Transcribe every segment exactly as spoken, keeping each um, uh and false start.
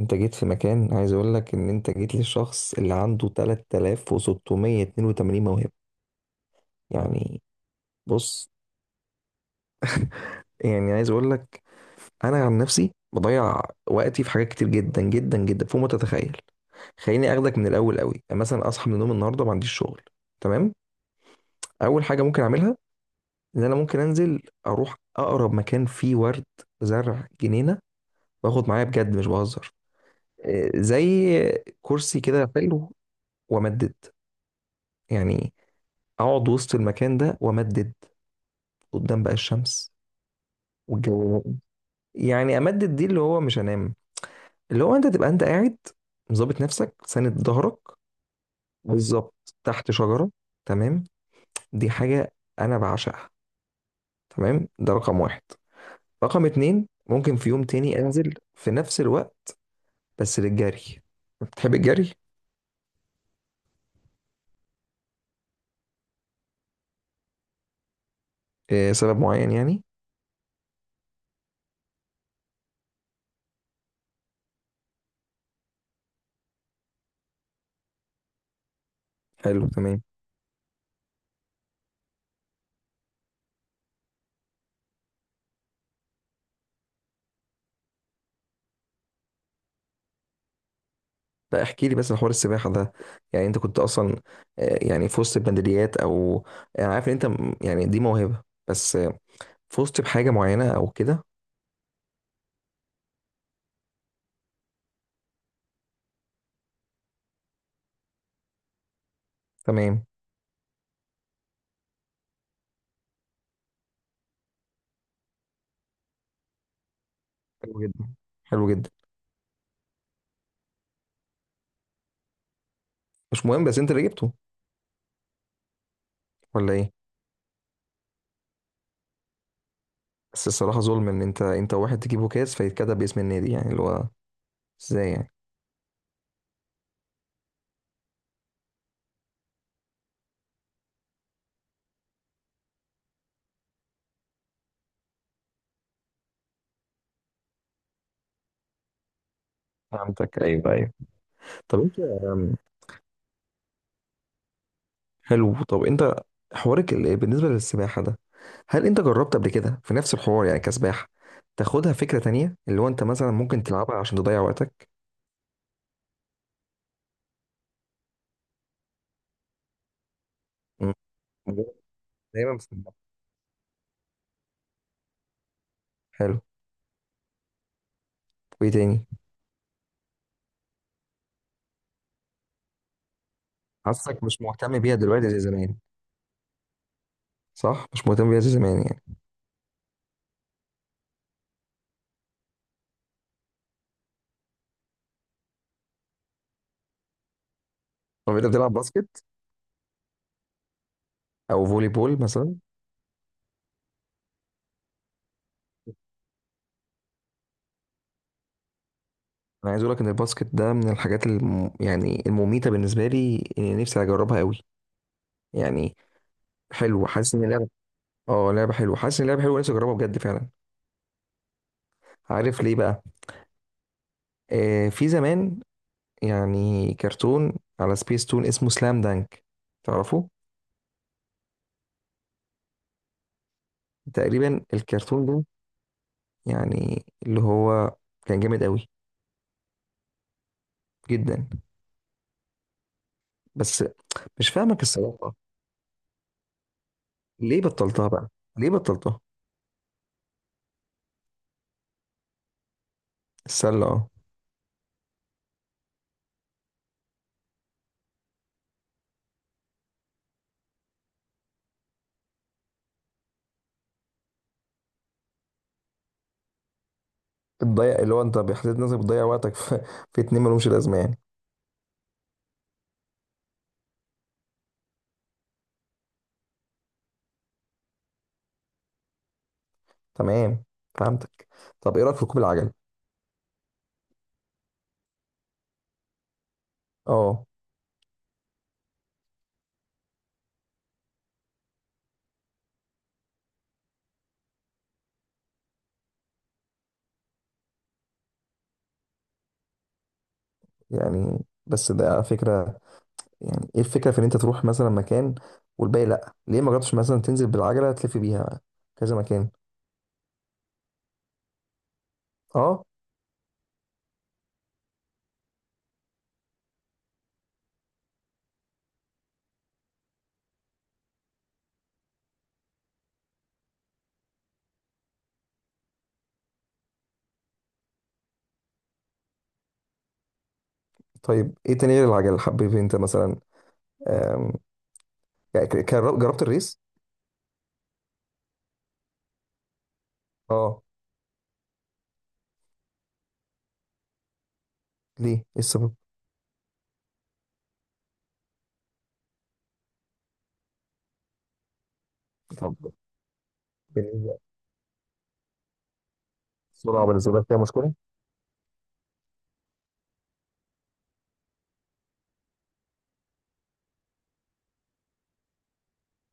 انت جيت في مكان، عايز اقول لك ان انت جيت للشخص اللي عنده تلاتة آلاف وستمية اتنين وتمانين موهبة. يعني، بص، يعني عايز اقول لك، انا عن نفسي بضيع وقتي في حاجات كتير جدا جدا جدا فوق ما تتخيل. خليني اخدك من الاول قوي، يعني مثلا اصحى من النوم النهارده ما عنديش شغل، تمام. اول حاجة ممكن اعملها ان انا ممكن انزل اروح اقرب مكان فيه ورد، زرع، جنينة، واخد معايا، بجد مش بهزر. اه، زي كرسي كده حلو، وامدد، يعني اقعد وسط المكان ده وامدد قدام بقى الشمس والجو. يعني امدد دي اللي هو مش هنام، اللي هو انت تبقى انت قاعد مظبط نفسك ساند ظهرك بالظبط تحت شجرة، تمام. دي حاجة انا بعشقها، تمام، ده رقم واحد. رقم اتنين، ممكن في يوم تاني انزل في نفس الوقت، بس للجري، بتحب الجري؟ آه، سبب معين يعني؟ حلو، تمام. لا احكي لي بس عن حوار السباحة ده، يعني انت كنت اصلا، آه، يعني في وسط البندريات او، انا عارف ان انت م- يعني دي موهبة، بس آه، في وسط بحاجة معينة او كده، تمام. حلو جدا، حلو جدا، مش مهم بس انت اللي جبته، ولا ايه؟ بس الصراحة ظلم ان انت انت واحد تجيب كاس فيتكتب باسم النادي، يعني اللي هو ازاي يعني؟ فهمتك، ايوه، ايوه. طب انت، حلو طب انت، حوارك ال- بالنسبه للسباحه ده، هل انت جربت قبل كده في نفس الحوار، يعني كسباحه، تاخدها فكره تانية، اللي هو انت مثلا ممكن تلعبها عشان تضيع وقتك؟ مم. دايما بسمع. حلو، وايه تاني؟ حاسسك مش مهتم بيها دلوقتي زي زمان، صح؟ مش مهتم بيها زي زمان يعني؟ طب انت بتلعب باسكت او فولي بول مثلا؟ انا عايز اقول لك ان الباسكت ده من الحاجات الم... يعني المميته بالنسبه لي، اني نفسي اجربها قوي، يعني، حلو، حاسس ان اللعبه، اه لعبه حلوه، حاسس ان اللعبه حلوه، نفسي اجربها بجد فعلا. عارف ليه بقى؟ آه، في زمان، يعني كرتون على سبيس تون اسمه سلام دانك، تعرفه؟ تقريبا الكرتون ده، يعني اللي هو، كان جامد قوي جدا. بس مش فاهمك الصراحه، ليه بطلتها بقى، ليه بطلتها؟ السله، اه. بتضيع، اللي هو انت بحسيت نفسك بتضيع وقتك في، في اتنين ملهمش لازمه يعني. تمام، فهمتك. طب ايه رايك في ركوب العجل؟ اه. يعني بس ده على فكره، يعني ايه الفكره في ان انت تروح مثلا مكان، والباقي لا، ليه ما جربتش مثلا تنزل بالعجله تلف بيها كذا مكان، اه؟ طيب ايه تاني غير العجل حبيب، انت مثلا، آم، يعني ك- كر- جربت الريس، اه؟ ليه ايه السبب؟ طب بالنسبه، السرعه بالنسبه لك فيها مشكله؟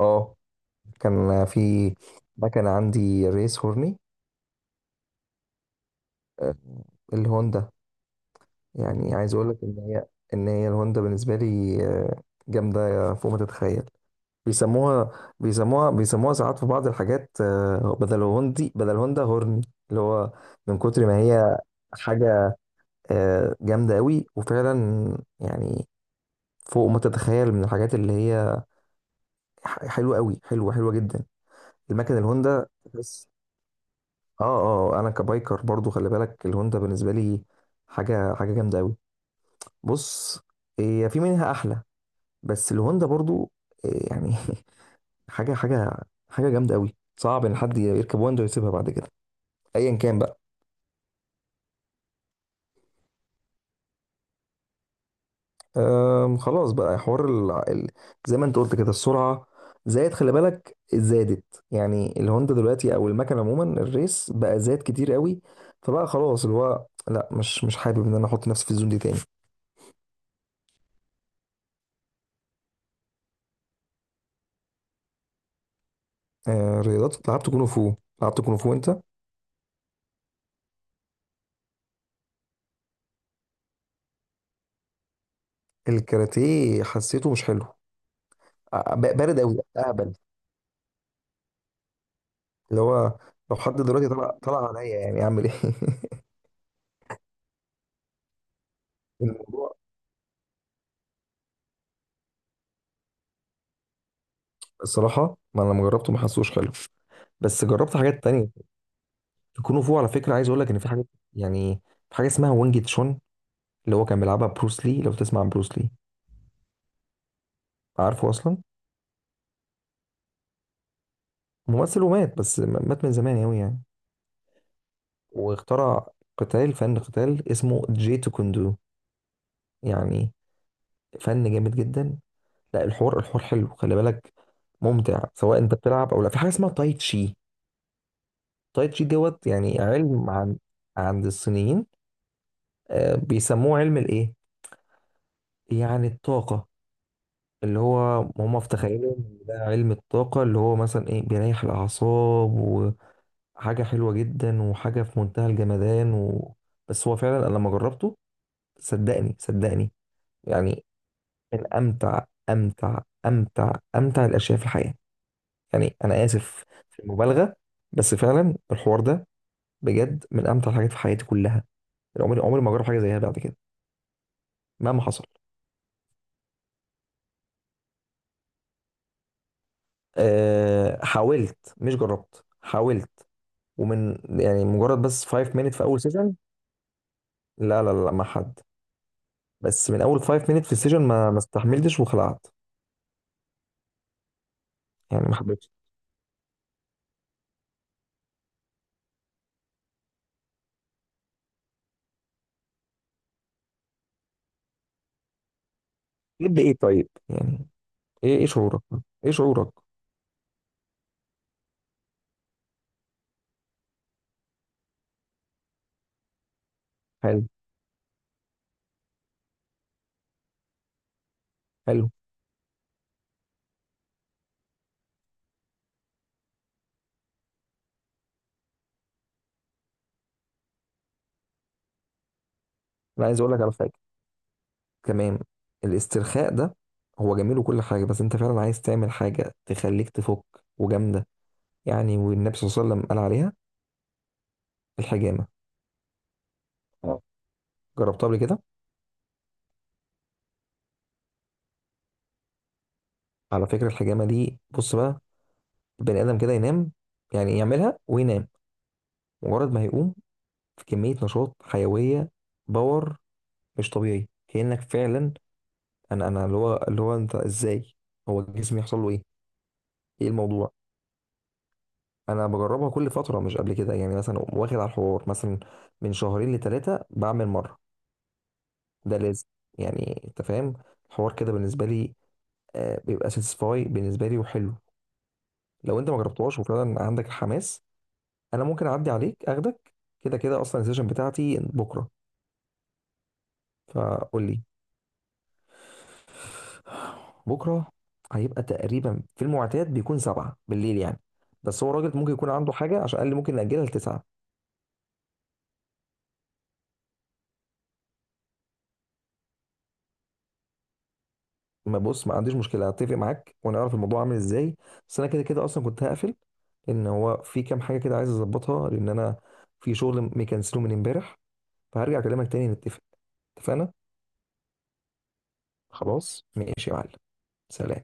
اه. كان في مكنه عندي ريس هورني، آه، الهوندا، يعني عايز اقول لك ان هي، ان هي الهوندا بالنسبه لي آه، جامده فوق ما تتخيل. بيسموها بيسموها بيسموها ساعات في بعض الحاجات، آه، بدل هوندي بدل هوندا هورني، اللي هو من كتر ما هي حاجة، آه، جامدة قوي وفعلا يعني فوق ما تتخيل من الحاجات اللي هي ح- حلوة قوي، حلوة حلوة جدا، المكن الهوندا، بس. اه اه آه، انا كبايكر برضو، خلي بالك الهوندا بالنسبة لي حاجة، حاجة جامدة قوي. بص، هي في منها احلى، بس الهوندا برضو آه، يعني حاجه، حاجه، حاجه جامده قوي، صعب ان حد يركب واندو ويسيبها بعد كده ايا كان بقى. أم، خلاص بقى حوار ال... ال... زي ما انت قلت كده السرعه، زائد خلي بالك زادت، يعني الهوندا دلوقتي او المكن عموما الريس بقى زاد كتير قوي. فبقى خلاص اللي هو لا، مش مش حابب ان انا احط نفسي في الزون دي تاني. أه رياضات، لعبت كونغ فو، لعبت كونغ فو انت؟ الكاراتيه حسيته مش حلو، أ- ب- بارد قوي، اهبل، اللي هو لو حد دلوقتي طلع، طلع عليا يعني اعمل ايه؟ الصراحه ما انا لما جربته ما حسوش حلو، بس جربت حاجات تانية. الكونغ فو على فكره، عايز اقول لك ان في حاجات، يعني في حاجه اسمها وانج تشون، اللي هو كان بيلعبها بروس لي، لو تسمع عن بروس لي، عارفه اصلا؟ ممثل ومات، بس م- مات من زمان قوي يعني. واخترع قتال، فن قتال اسمه جي تو كوندو، يعني فن جامد جدا. لا الحوار، الحوار حلو خلي بالك، ممتع سواء انت بتلعب او لا. في حاجه اسمها تاي تشي، تاي تشي دوت يعني علم عن، عند الصينيين، آه، بيسموه علم الايه، يعني الطاقه، اللي هو هم في تخيلهم إن ده علم الطاقة، اللي هو مثلا ايه بيريح الأعصاب، وحاجة حلوة جدا، وحاجة في منتهى الجمدان و... بس هو فعلا أنا لما جربته، صدقني، صدقني، يعني من أمتع أمتع أمتع أمتع الأشياء في الحياة. يعني أنا آسف في المبالغة، بس فعلا الحوار ده بجد من أمتع الحاجات في حياتي كلها، عمري، عمري ما جرب حاجة زيها بعد كده مهما حصل. أه حاولت، مش جربت، حاولت، ومن يعني مجرد بس خمس minutes في اول سيشن. لا لا لا مع حد، بس من اول خمس minutes في السيشن ما ما استحملتش وخلعت، يعني ما حبيتش. ليه ايه طيب يعني؟ ايه، ايه شعورك، ايه شعورك؟ حلو، حلو. انا عايز اقول لك على حاجه كمان، الاسترخاء ده، هو جميل وكل حاجه، بس انت فعلا عايز تعمل حاجه تخليك تفك وجامده، يعني والنبي صلى الله عليه وسلم قال عليها الحجامه، اه. جربتها قبل كده؟ على فكرة الحجامة دي، بص بقى، البني آدم كده ينام، يعني يعملها وينام، مجرد ما هيقوم في كميه نشاط حيويه، باور مش طبيعي، كانك فعلا، انا انا اللي هو اللي هو انت ازاي، هو جسمي يحصل له ايه، ايه الموضوع. انا بجربها كل فتره، مش قبل كده يعني، مثلا أقوم واخد على الحوار، مثلا من شهرين لثلاثه بعمل مره، ده لازم يعني انت فاهم، الحوار كده بالنسبه لي آه، بيبقى ساتسفاي بالنسبه لي وحلو. لو انت ما جربتهاش وفعلا عندك الحماس، انا ممكن اعدي عليك اخدك، كده كده اصلا السيشن بتاعتي بكره، فقول لي. بكره هيبقى تقريبا في المعتاد بيكون سبعة بالليل يعني، بس هو راجل ممكن يكون عنده حاجه عشان قال لي ممكن ناجلها لتسعة. ما بص، ما عنديش مشكله، هتفق معاك ونعرف الموضوع عامل ازاي، بس انا كده كده اصلا كنت هقفل ان هو في كام حاجه كده عايز اظبطها، لان انا في شغل مكنسله من امبارح، فهرجع اكلمك تاني نتفق، اتفقنا؟ خلاص، ماشي يا معلم، سلام.